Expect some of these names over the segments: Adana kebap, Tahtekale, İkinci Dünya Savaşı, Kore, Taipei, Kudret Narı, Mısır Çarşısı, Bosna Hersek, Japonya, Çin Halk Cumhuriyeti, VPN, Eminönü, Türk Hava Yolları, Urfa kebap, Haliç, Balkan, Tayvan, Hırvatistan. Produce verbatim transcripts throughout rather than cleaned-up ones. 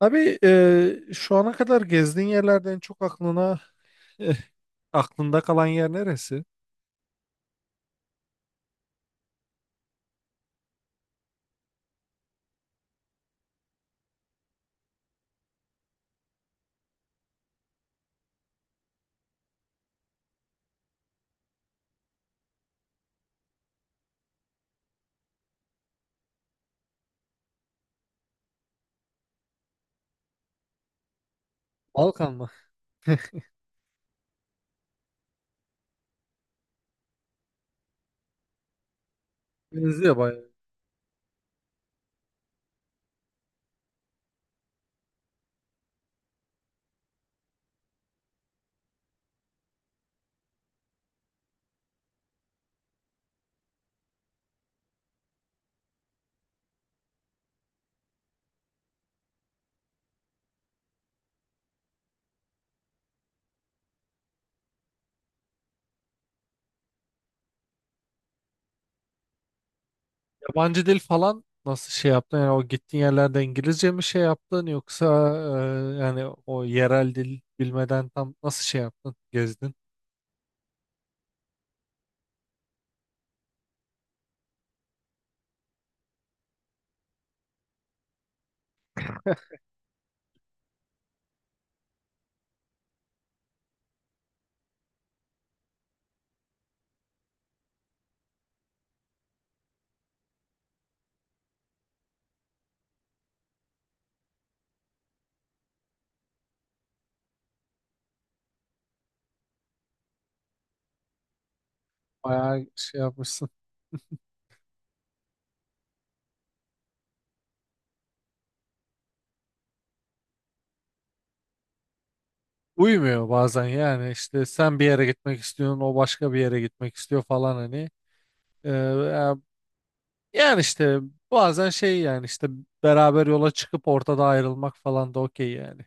Abi eee, şu ana kadar gezdiğin yerlerde en çok aklına aklında kalan yer neresi? Balkan mı? Benziyor bayağı. Yabancı dil falan nasıl şey yaptın? Yani o gittiğin yerlerde İngilizce mi şey yaptın, yoksa eee, yani o yerel dil bilmeden tam nasıl şey yaptın? Gezdin. Bayağı şey yapmışsın. Uymuyor bazen yani, işte sen bir yere gitmek istiyorsun, o başka bir yere gitmek istiyor falan hani. E, Yani işte bazen şey, yani işte beraber yola çıkıp ortada ayrılmak falan da okey yani.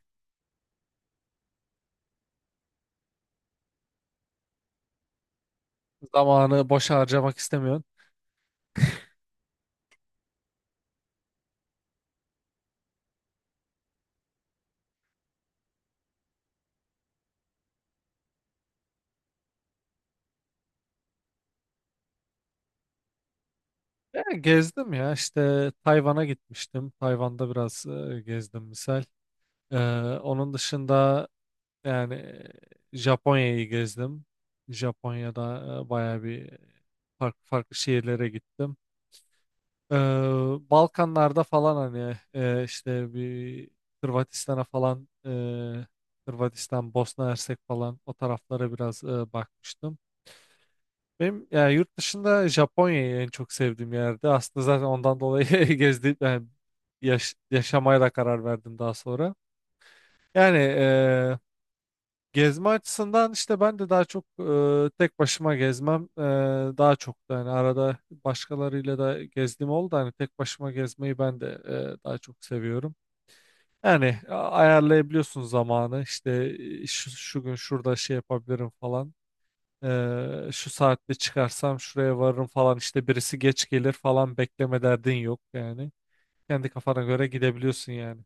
Zamanı boşa harcamak istemiyorsun. Yani gezdim ya, işte Tayvan'a gitmiştim. Tayvan'da biraz e, gezdim misal. Ee, onun dışında yani e, Japonya'yı gezdim. Japonya'da e, bayağı bir e, farklı farklı şehirlere gittim. Ee, Balkanlarda falan hani e, işte bir Hırvatistan'a falan e, Hırvatistan, Bosna Hersek falan o taraflara biraz e, bakmıştım. Benim yani yurt dışında Japonya'yı en çok sevdiğim yerdi. Aslında zaten ondan dolayı gezdim yani, yaş- yaşamaya da karar verdim daha sonra. Yani e, Gezme açısından işte ben de daha çok e, tek başıma gezmem, e, daha çok da hani arada başkalarıyla da gezdiğim oldu. Da hani tek başıma gezmeyi ben de e, daha çok seviyorum. Yani a- ayarlayabiliyorsun zamanı, işte e, şu, şu gün şurada şey yapabilirim falan. E, şu saatte çıkarsam şuraya varırım falan, işte birisi geç gelir falan bekleme derdin yok yani. Kendi kafana göre gidebiliyorsun yani.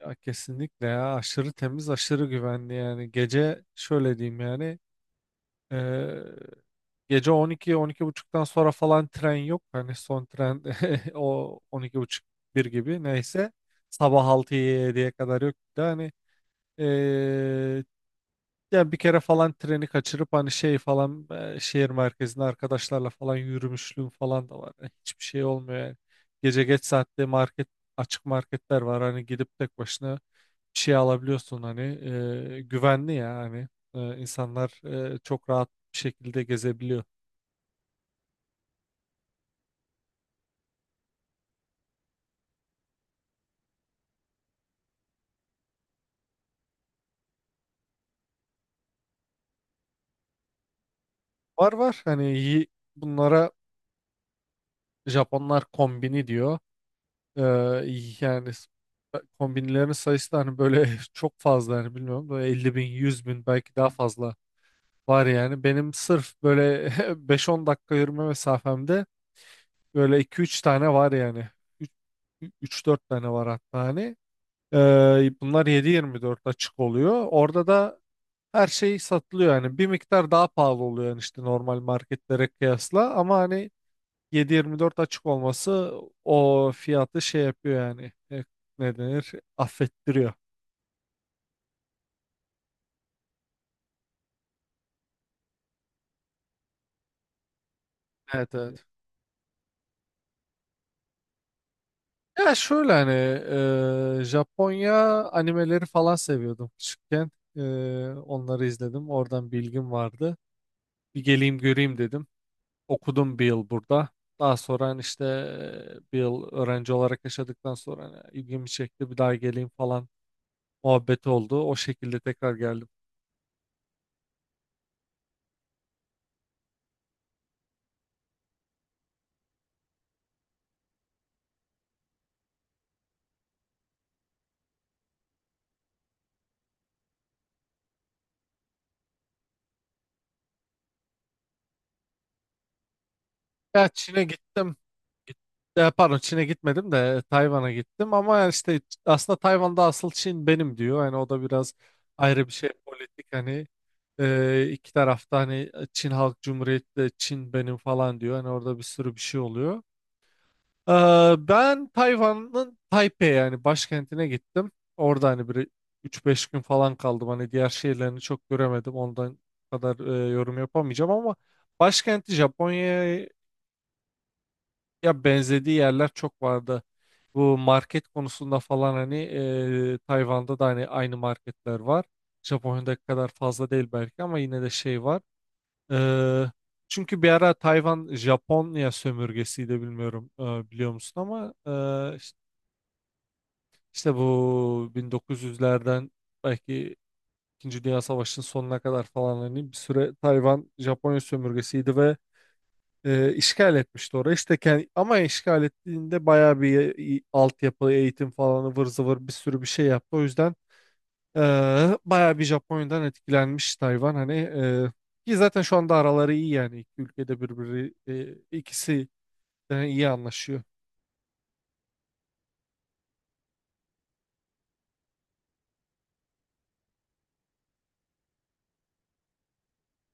Ya kesinlikle ya, aşırı temiz, aşırı güvenli. Yani gece şöyle diyeyim, yani eee, gece on iki, on iki buçuktan sonra falan tren yok hani. Son tren o on iki buçuk, bir gibi neyse, sabah altı yediye kadar yok. Bir de hani eee ya bir kere falan treni kaçırıp hani şey falan, eee, şehir merkezinde arkadaşlarla falan yürümüşlüğüm falan da var. Yani hiçbir şey olmuyor yani. Gece geç saatte market, açık marketler var hani, gidip tek başına şey alabiliyorsun hani, e, güvenli ya hani. E, insanlar e, çok rahat bir şekilde gezebiliyor. Var var, hani iyi, bunlara Japonlar kombini diyor. E, yani s- kombinlerin sayısı da hani böyle çok fazla, hani bilmiyorum, böyle 50 bin, 100 bin belki, daha fazla var yani. Benim sırf böyle beş on dakika yürüme mesafemde böyle iki üç tane var yani. üç dört tane var hatta hani. Ee, bunlar yedi yirmi dört açık oluyor. Orada da her şey satılıyor yani, bir miktar daha pahalı oluyor yani işte, normal marketlere kıyasla, ama hani yedi yirmi dört açık olması o fiyatı şey yapıyor yani. E, ne denir, affettiriyor. Evet, evet. Ya şöyle hani, e, Japonya animeleri falan seviyordum küçükken. E, onları izledim, oradan bilgim vardı, bir geleyim göreyim dedim, okudum bir yıl burada. Daha sonra hani işte e, bir yıl öğrenci olarak yaşadıktan sonra hani ilgimi çekti, bir daha geleyim falan muhabbeti oldu. O şekilde tekrar geldim. Ya Çin'e gittim. Git- Ya pardon, Çin'e gitmedim de e, Tayvan'a gittim. Ama yani işte aslında Tayvan'da asıl Çin benim diyor. Hani o da biraz ayrı bir şey, politik hani, e, iki tarafta hani, e, Çin Halk Cumhuriyeti de Çin benim falan diyor. Hani orada bir sürü bir şey oluyor. Ee, ben Tayvan'ın Taipei yani başkentine gittim. Orada hani bir üç beş gün falan kaldım. Hani diğer şehirlerini çok göremedim. Ondan kadar e, yorum yapamayacağım, ama başkenti Japonya'ya benzediği yerler çok vardı. Bu market konusunda falan hani, e, Tayvan'da da hani aynı marketler var. Japonya'daki kadar fazla değil belki, ama yine de şey var. Ee, çünkü bir ara Tayvan Japonya sömürgesiydi, bilmiyorum e, biliyor musun ama, e, İşte bu bin dokuz yüzlerden belki İkinci Dünya Savaşı'nın sonuna kadar falan hani, bir süre Tayvan Japonya sömürgesiydi ve e, işgal etmişti orayı. İşte kendi, ama işgal ettiğinde bayağı bir e, altyapı, eğitim falan, ıvır zıvır bir sürü bir şey yaptı. O yüzden e, bayağı bir Japonya'dan etkilenmiş Tayvan. Hani e, ki zaten şu anda araları iyi yani, iki ülkede birbiri, e, ikisi de iyi anlaşıyor.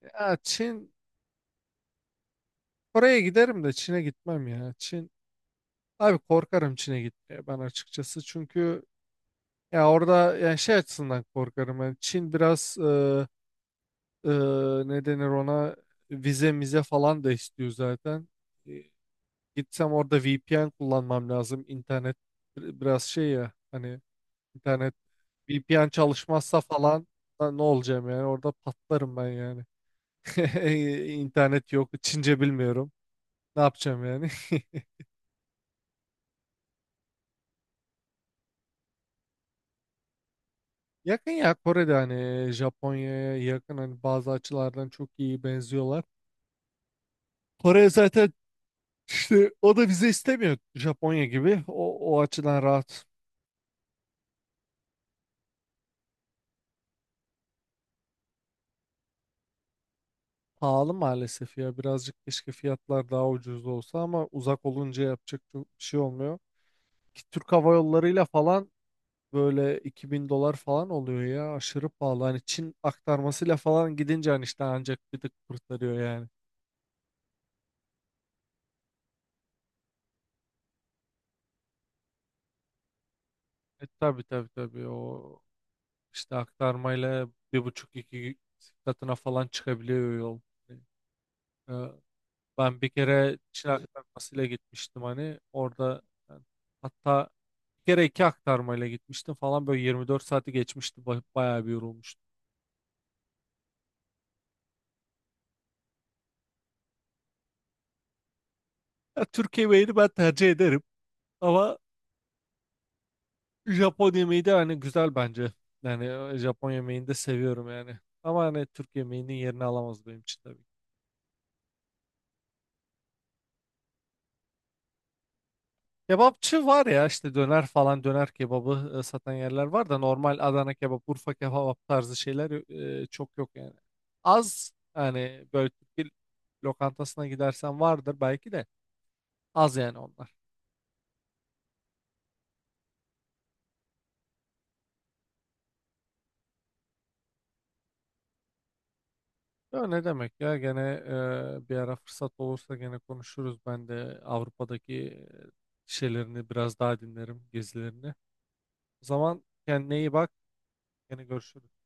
Ya Çin, Kore'ye giderim de Çin'e gitmem ya. Çin, abi korkarım Çin'e gitmeye ben, açıkçası. Çünkü ya orada yani şey açısından korkarım. Yani Çin biraz e, e, ne denir ona, vize mize falan da istiyor zaten. E, gitsem orada V P N kullanmam lazım. İnternet bir- biraz şey ya hani, internet V P N çalışmazsa falan da ne olacağım yani, orada patlarım ben yani. İnternet yok, Çince bilmiyorum. Ne yapacağım yani? Yakın ya Kore'de, hani Japonya'ya yakın hani, bazı açılardan çok iyi benziyorlar. Kore zaten işte o da vize istemiyor Japonya gibi. O, o açıdan rahat. Pahalı maalesef ya, birazcık keşke fiyatlar daha ucuz olsa, ama uzak olunca yapacak çok bir şey olmuyor. Ki Türk Hava Yolları'yla falan böyle iki bin dolar falan oluyor ya, aşırı pahalı. Hani Çin aktarmasıyla falan gidince hani işte ancak bir tık kurtarıyor yani. E, tabii, tabii, tabii, o İşte aktarmayla bir buçuk iki katına falan çıkabiliyor yol. Yani, e, ben bir kere Çin aktarmasıyla gitmiştim, hani orada yani, hatta bir kere iki aktarmayla gitmiştim falan, böyle yirmi dört saati geçmişti, Ba- bayağı bir yorulmuştum. Ya, Türk yemeğini ben tercih ederim, ama Japon yemeği de hani güzel bence. Yani e, Japon yemeğini de seviyorum yani. Ama hani Türk yemeğinin yerini alamaz benim için tabii. Kebapçı var ya, işte döner falan, döner kebabı e, satan yerler var, da normal Adana kebap, Urfa kebap tarzı şeyler e, çok yok yani. Az yani, böyle Türk bir lokantasına gidersen vardır belki, de az yani onlar. Ya ne demek ya, gene e, bir ara fırsat olursa gene konuşuruz. Ben de Avrupa'daki e, şeylerini biraz daha dinlerim, gezilerini. O zaman kendine iyi bak. Gene görüşürüz.